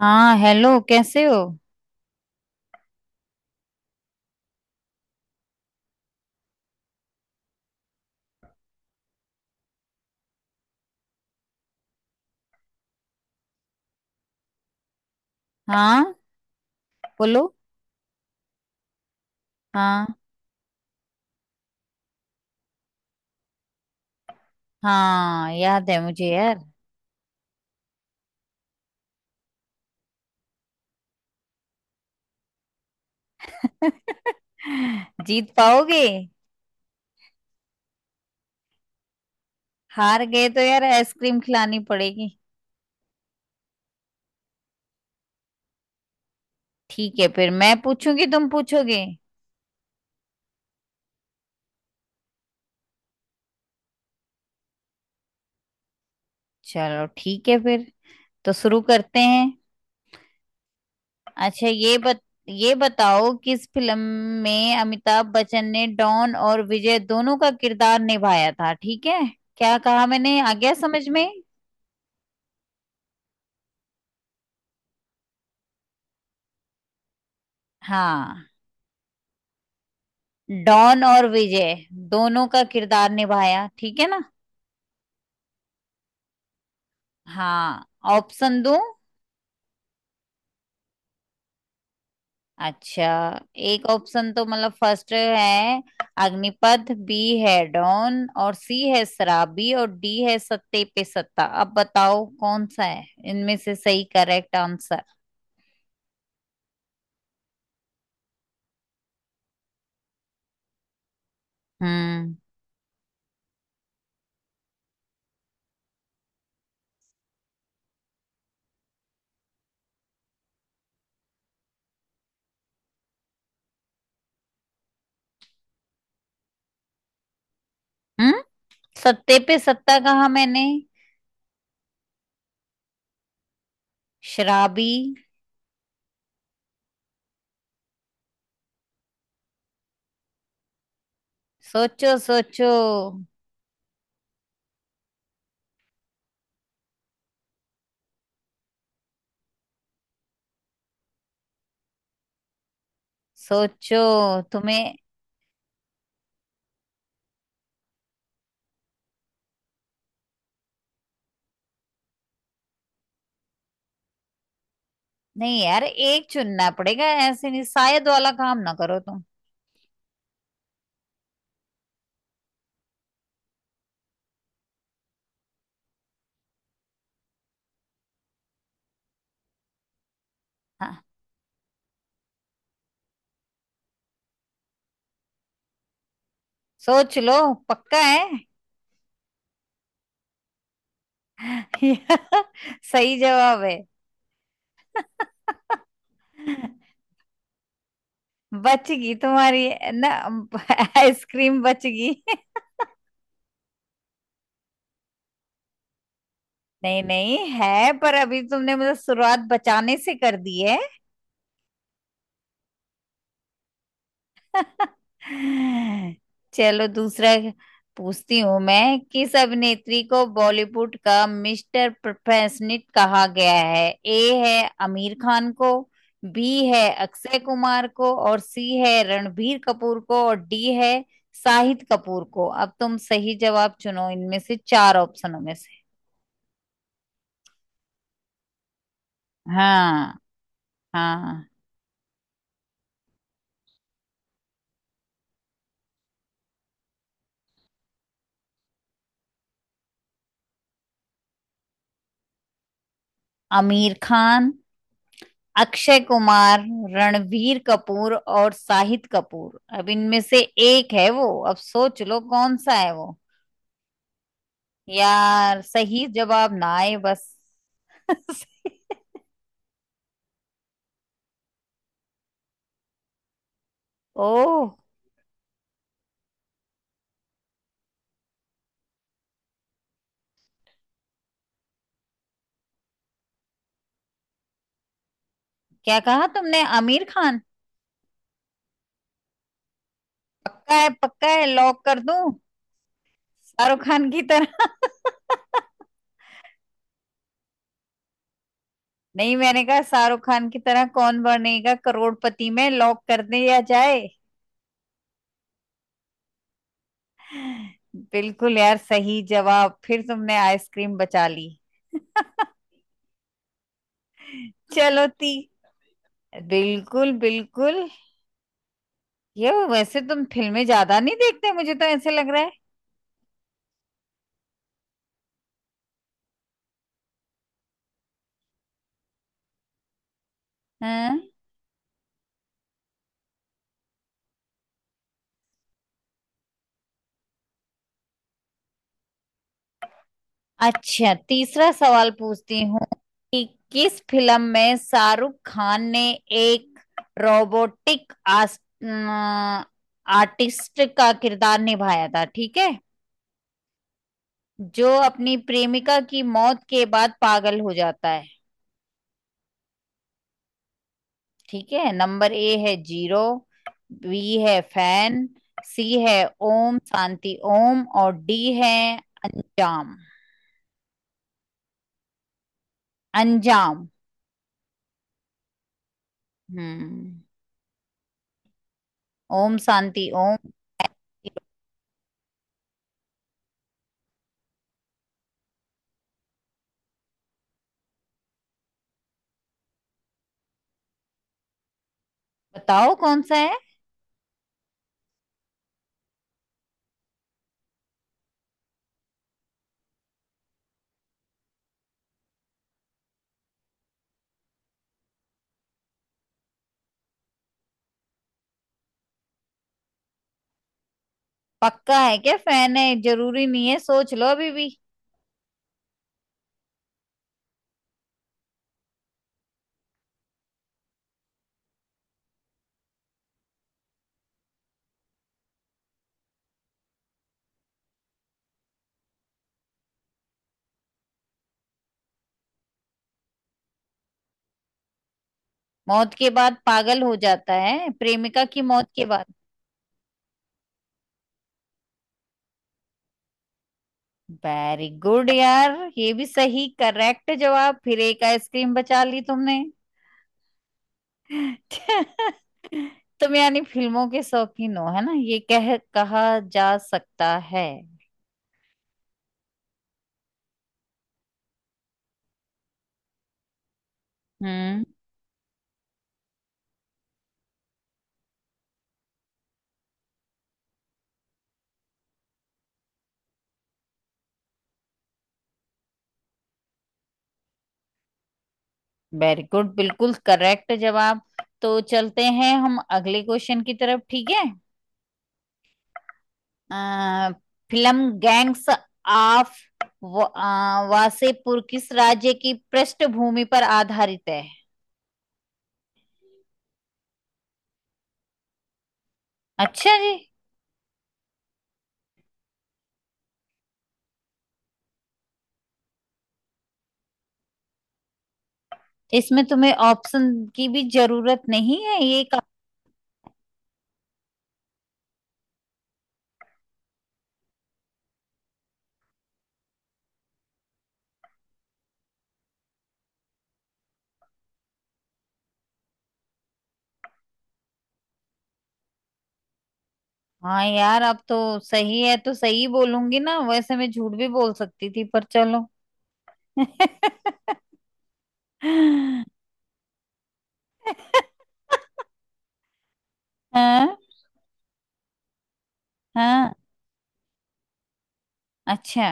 हाँ हेलो, कैसे हो। हाँ बोलो। हाँ हाँ, याद है मुझे यार। जीत पाओगे? हार गए तो यार आइसक्रीम खिलानी पड़ेगी। ठीक है फिर, मैं पूछूंगी, तुम पूछोगे। चलो ठीक है फिर, तो शुरू करते हैं। अच्छा ये बताओ, किस फिल्म में अमिताभ बच्चन ने डॉन और विजय दोनों का किरदार निभाया था। ठीक है? क्या कहा मैंने, आ गया समझ में? हाँ, डॉन और विजय दोनों का किरदार निभाया, ठीक है ना। हाँ, ऑप्शन दूं? अच्छा, एक ऑप्शन तो मतलब फर्स्ट है अग्निपथ, बी है डॉन, और सी है शराबी, और डी है सत्ते पे सत्ता। अब बताओ कौन सा है इनमें से सही करेक्ट आंसर। हम्म। हम्म, सत्ते पे सत्ता कहा मैंने। शराबी। सोचो सोचो। सोचो तुम्हें। नहीं यार, एक चुनना पड़ेगा, ऐसे नहीं। शायद वाला काम ना करो तुम। हाँ, सोच लो, पक्का है? सही जवाब है। बचगी तुम्हारी ना, आइसक्रीम बचगी। नहीं नहीं है, पर अभी तुमने मुझे शुरुआत बचाने से कर दी है। चलो दूसरा पूछती हूँ मैं। किस अभिनेत्री को बॉलीवुड का मिस्टर परफेक्शनिस्ट कहा गया है? ए है आमिर खान को, बी है अक्षय कुमार को, और सी है रणबीर कपूर को, और डी है शाहिद कपूर को। अब तुम सही जवाब चुनो इनमें से, चार ऑप्शनों में से। हाँ हाँ। आमिर खान, अक्षय कुमार, रणवीर कपूर और शाहिद कपूर। अब इनमें से एक है वो, अब सोच लो कौन सा है वो। यार सही जवाब ना आए बस। ओह, क्या कहा तुमने, आमिर खान? पक्का है? पक्का है, लॉक कर दूं? शाहरुख खान की तरह। नहीं, मैंने कहा शाहरुख खान की तरह, कौन बनेगा करोड़पति में लॉक कर दिया जाए। बिल्कुल यार सही जवाब, फिर तुमने आइसक्रीम बचा ली। चलो ती। बिल्कुल बिल्कुल। ये वैसे तुम फिल्में ज्यादा नहीं देखते, मुझे तो ऐसे लग रहा है। हाँ, अच्छा तीसरा सवाल पूछती हूँ, कि किस फिल्म में शाहरुख खान ने एक रोबोटिक अम, आर्टिस्ट का किरदार निभाया था, ठीक है? जो अपनी प्रेमिका की मौत के बाद पागल हो जाता है। ठीक है, नंबर ए है जीरो, बी है फैन, सी है ओम शांति ओम, और डी है अंजाम। अंजाम। हम्म। ओम शांति ओम। बताओ कौन सा है। पक्का है क्या? फैन है? जरूरी नहीं है, सोच लो अभी भी। मौत के बाद पागल हो जाता है, प्रेमिका की मौत के बाद। वेरी गुड यार, ये भी सही करेक्ट जवाब, फिर एक आइसक्रीम बचा ली तुमने। तुम यानी फिल्मों के शौकीन हो, है ना, ये कह कहा जा सकता है। हम्म। वेरी गुड, बिल्कुल करेक्ट जवाब। तो चलते हैं हम अगले क्वेश्चन की तरफ, ठीक है। अ, फिल्म गैंग्स ऑफ वासेपुर किस राज्य की पृष्ठभूमि पर आधारित है? अच्छा जी। इसमें तुम्हें ऑप्शन की भी जरूरत नहीं है ये। हाँ यार, अब तो सही है तो सही बोलूंगी ना, वैसे मैं झूठ भी बोल सकती थी पर चलो। हाँ हाँ। अच्छा।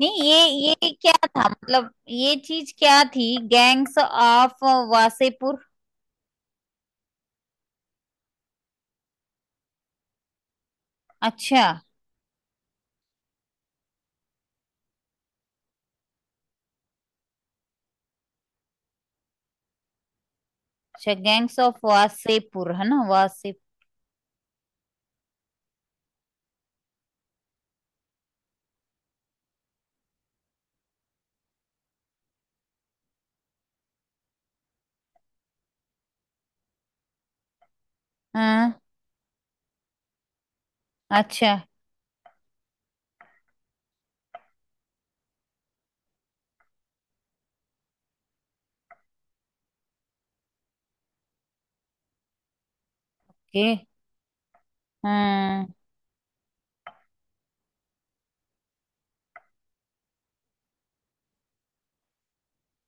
नहीं ये, ये क्या था मतलब, ये चीज क्या थी, गैंग्स ऑफ वासेपुर? अच्छा। अच्छा, गैंग्स ऑफ वासेपुर है ना, वासेपुर। हाँ। अच्छा। के। हाँ,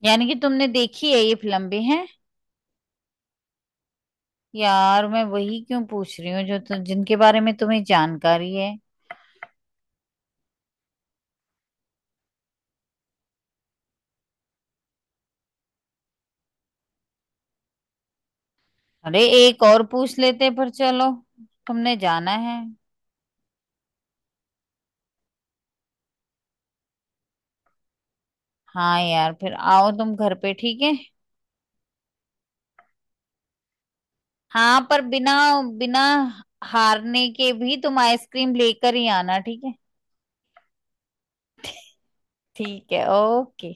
यानी कि तुमने देखी है ये फिल्म भी है। यार मैं वही क्यों पूछ रही हूँ जो जिनके बारे में तुम्हें जानकारी है। अरे एक और पूछ लेते पर चलो, तुमने जाना है। हाँ यार, फिर आओ तुम घर पे, ठीक है। हाँ, पर बिना बिना हारने के भी तुम आइसक्रीम लेकर ही आना, ठीक है। ठीक है, ओके।